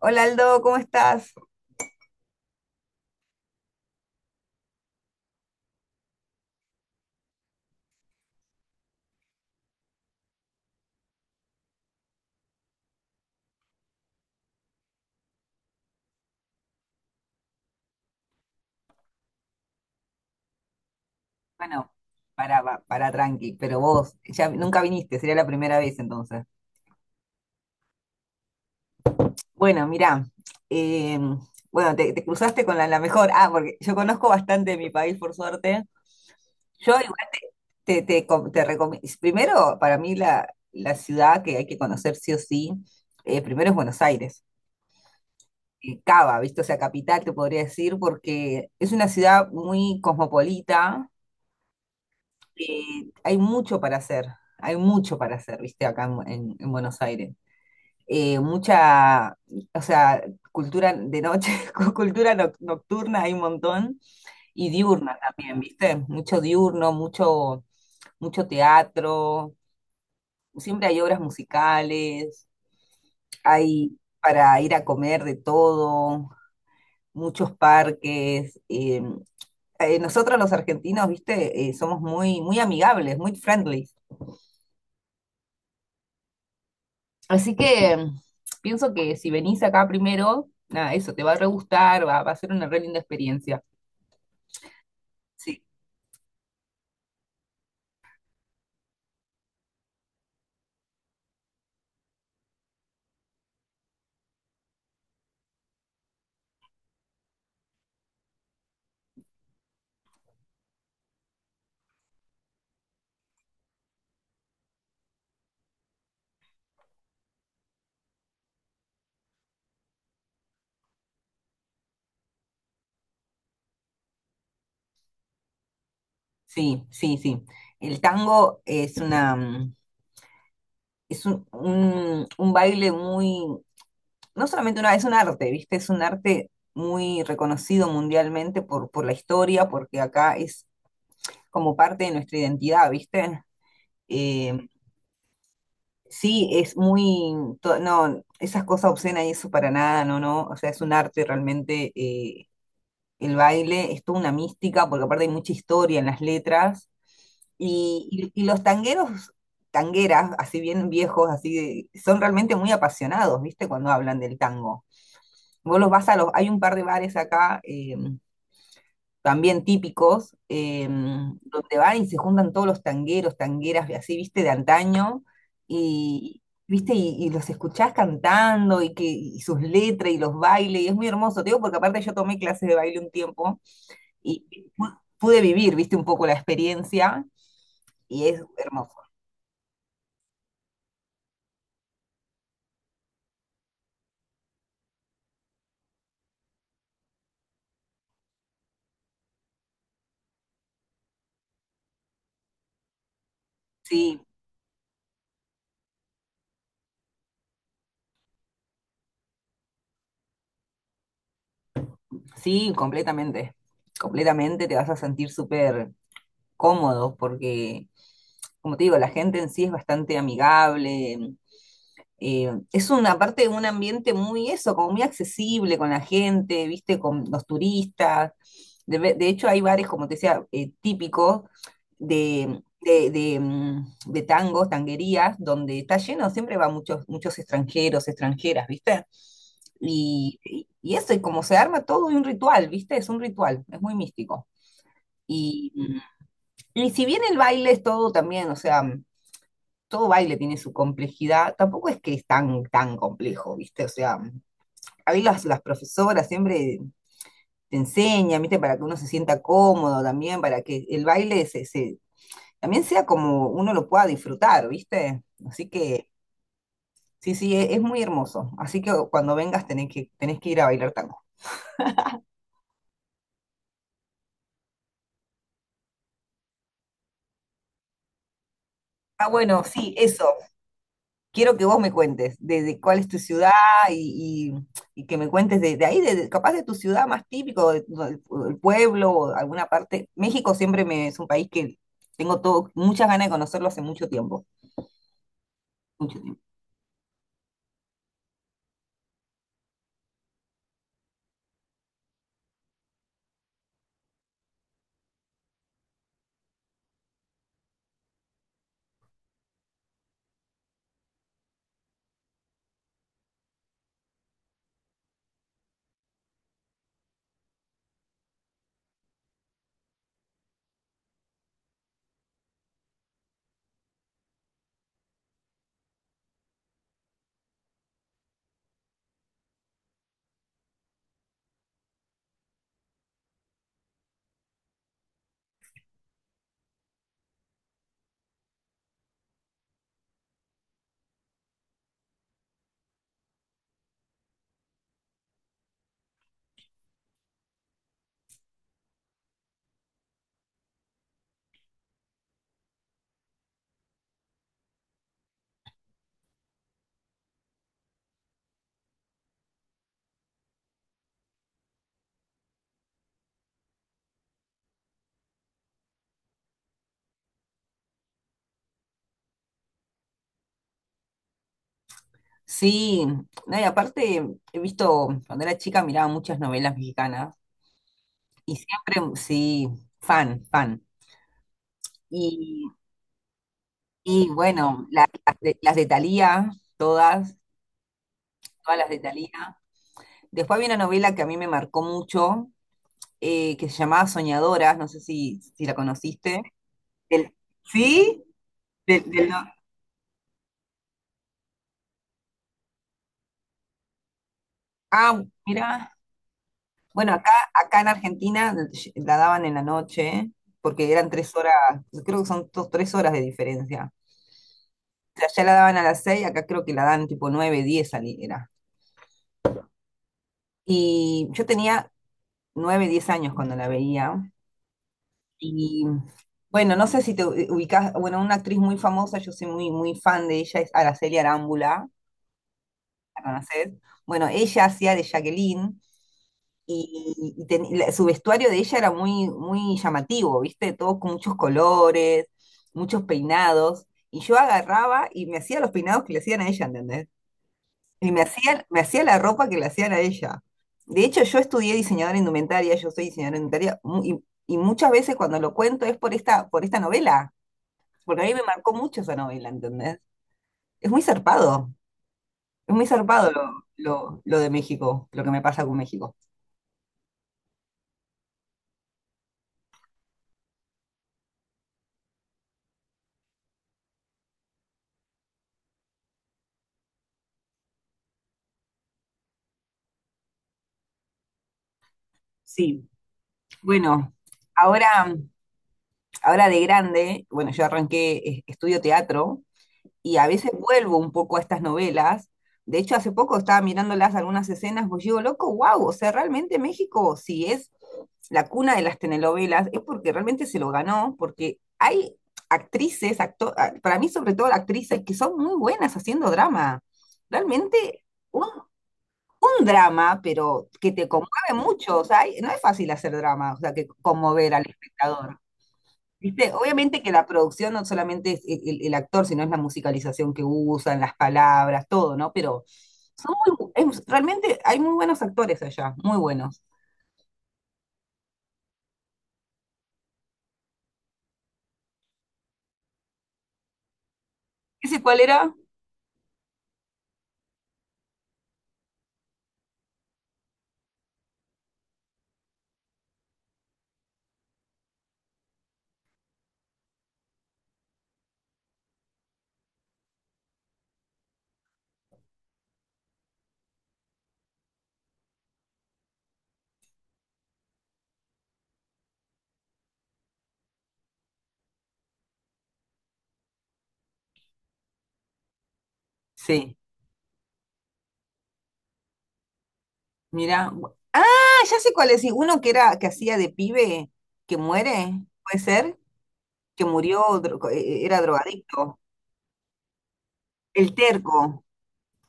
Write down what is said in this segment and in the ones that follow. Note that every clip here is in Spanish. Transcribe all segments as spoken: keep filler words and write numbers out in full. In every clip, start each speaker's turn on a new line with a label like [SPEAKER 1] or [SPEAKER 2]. [SPEAKER 1] Hola Aldo, ¿cómo estás? Bueno, para, pa- para tranqui, pero vos ya nunca viniste, sería la primera vez entonces. Bueno, mirá, eh, bueno, te, te cruzaste con la, la mejor. Ah, porque yo conozco bastante de mi país, por suerte. Yo igual te, te, com- te recomi- primero, para mí la, la ciudad que hay que conocer sí o sí, eh, primero es Buenos Aires. eh, Cava, ¿viste? O sea, capital, te podría decir, porque es una ciudad muy cosmopolita, eh, hay mucho para hacer, hay mucho para hacer, viste, acá en, en- en Buenos Aires. Eh, mucha, o sea, cultura de noche, cu- cultura noc- nocturna hay un montón, y diurna también, viste, mucho diurno, mucho, mucho teatro, siempre hay obras musicales, hay para ir a comer de todo, muchos parques. Eh, eh, nosotros los argentinos, viste, eh, somos muy, muy amigables, muy friendly. Así que mm, pienso que si venís acá primero, nada, eso te va a re gustar, va, va a ser una re linda experiencia. Sí, sí, sí, sí. El tango es una, mm, es un, un- un baile muy, no solamente una, es un arte, ¿viste? Es un arte muy reconocido mundialmente por, por la historia, porque acá es como parte de nuestra identidad, ¿viste? Eh, sí, es muy, to- no, esas cosas obscenas y eso para nada, no, no, o sea, es un arte realmente. eh, el baile es toda una mística, porque aparte hay mucha historia en las letras. Y, y- y los tangueros, tangueras, así bien viejos, así, de- son realmente muy apasionados, ¿viste? Cuando hablan del tango. Vos los vas a los, hay un par de bares acá, eh, también típicos, eh, donde van y se juntan todos los tangueros, tangueras, así, ¿viste? De antaño, y, ¿viste? Y, y los escuchás cantando, y que, y sus letras, y los bailes, y es muy hermoso, te digo, porque aparte yo tomé clases de baile un tiempo, y pu- pude vivir, viste, un poco la experiencia y es hermoso. Sí, sí, completamente, completamente te vas a sentir súper cómodo porque, como te digo, la gente en sí es bastante amigable, eh, es una parte de un ambiente muy eso, como muy accesible con la gente, viste, con los turistas. De, ve- de hecho, hay bares, como te decía, eh, típicos de, de, de, mm, de tangos, tanguerías, donde está lleno, siempre van muchos, muchos extranjeros, extranjeras, ¿viste? Y, y y eso, y como se arma todo de un ritual, ¿viste? Es un ritual, es muy místico. Y, mm, y si bien el baile es todo también, o sea, todo baile tiene su complejidad, tampoco es que es tan, tan complejo, ¿viste? O sea, a mí las, las profesoras siempre te enseñan, ¿viste? Para que uno se sienta cómodo también, para que el baile se, se- también sea como uno lo pueda disfrutar, ¿viste? Así que, sí, sí, e- es muy hermoso. Así que cuando vengas tenés que, tenés que ir a bailar tango. Ah, bueno, sí, eso. Quiero que vos me cuentes de, de cuál es tu ciudad y, y- y que me cuentes de, de ahí, de, de- capaz de tu ciudad más típico, de- del del pueblo o de alguna parte. México siempre me, es un país que tengo todo, muchas ganas de conocerlo hace mucho tiempo, mucho tiempo. Sí, no, y aparte he visto, cuando era chica miraba muchas novelas mexicanas y siempre, sí, fan, fan. Y, y bueno, la- las, de, las de Thalía, todas, todas las de Thalía. Después había una novela que a mí me marcó mucho, eh, que se llamaba Soñadoras, no sé si, si la conociste. Del, ¿sí? Del, del no- Ah, mira. Bueno, acá, acá en Argentina la daban en la noche, porque eran tres horas, creo que son dos, tres horas de diferencia. O sea, allá la daban a las seis, acá creo que la dan tipo nueve, diez ali- era. Y yo tenía nueve, diez años cuando la veía. Y bueno, no sé si te ubicas, bueno, una actriz muy famosa, yo soy muy, muy fan de ella, es Araceli Arámbula. ¿La conocés? Bueno, ella hacía de Jacqueline y, y ten- la- su vestuario de ella era muy, muy llamativo, ¿viste? Todo con muchos colores, muchos peinados. Y yo agarraba y me hacía los peinados que le hacían a ella, ¿entendés? Y me hacía, me hacía la ropa que le hacían a ella. De hecho, yo estudié diseñadora indumentaria, yo soy diseñadora indumentaria, mu- y, y muchas veces cuando lo cuento es por esta, por esta novela, porque a mí me marcó mucho esa novela, ¿entendés? Es muy zarpado. Es muy zarpado lo, lo- lo de México, lo que me pasa con México. Sí, bueno, ahora, ahora de grande, bueno, yo arranqué, eh, estudio teatro y a veces vuelvo un poco a estas novelas. De hecho, hace poco estaba mirándolas algunas escenas, pues digo, loco, wow, o sea, realmente México, si es la cuna de las telenovelas, es porque realmente se lo ganó, porque hay actrices, acto- a- para mí sobre todo actrices, que son muy buenas haciendo drama. Realmente, un un drama, pero que te conmueve mucho. O sea, hay- no es fácil hacer drama, o sea, que conmover al espectador. ¿Viste? Obviamente que la producción no solamente es el, el- el actor, sino es la musicalización que usan, las palabras, todo, ¿no? Pero son muy, bu- es- realmente hay muy buenos actores allá, muy buenos. ¿Ese cuál era? Sí, mira. bu- Ah, ya sé cuál es. Sí, uno que era, que hacía de pibe, que muere, puede ser, que murió, dro- eh, era drogadicto. El terco.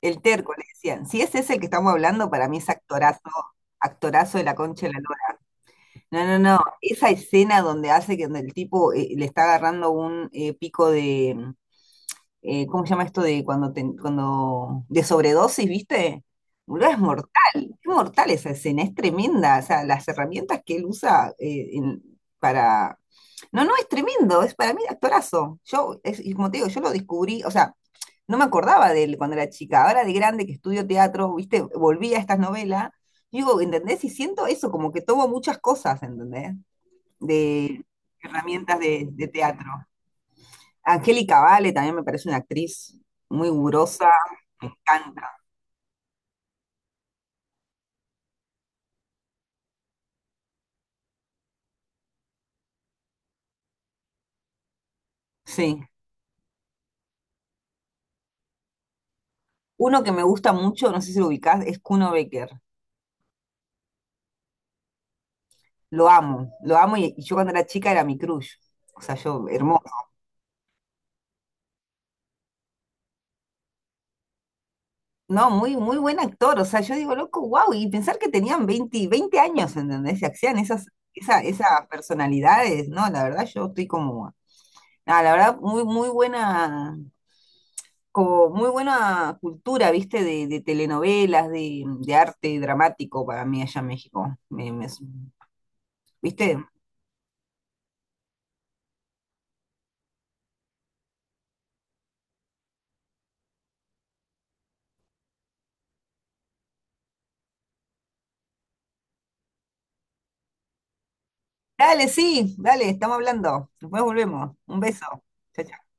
[SPEAKER 1] El terco, le decían. Si ese es el que estamos hablando, para mí es actorazo, actorazo de la concha de la lora. No, no, no. Esa escena donde hace que donde el tipo eh, le está agarrando un eh, pico de, eh, ¿cómo se llama esto? De cuando, te- cuando, de sobredosis, ¿viste? Boludo, es mortal. Es mortal esa escena, es tremenda. O sea, las herramientas que él usa eh, en- para... No, no, es tremendo. Es para mí actorazo. Yo, es, y como te digo, yo lo descubrí, o sea no me acordaba de él cuando era chica. Ahora de grande que estudio teatro, viste, volví a estas novelas. Digo, ¿entendés? Y siento eso, como que tomo muchas cosas, ¿entendés? De herramientas de, de teatro. Angélica Vale también me parece una actriz muy gurosa, me encanta. Sí. Uno que me gusta mucho, no sé si lo ubicás, es Kuno Becker. Lo amo, lo amo y, y yo cuando era chica era mi crush. O sea, yo, hermoso. No, muy, muy buen actor. O sea, yo digo, loco, wow. Y pensar que tenían veinte veinte años, ¿entendés? Se hacían esas, esa, esas personalidades, ¿no? La verdad, yo estoy como. Nada, la verdad, muy, muy buena, como muy buena cultura, ¿viste? De, de telenovelas, de, de arte dramático para mí allá en México. Me- me- ¿viste? Dale, sí, dale, estamos hablando. Después volvemos. Un beso. Chao, chao.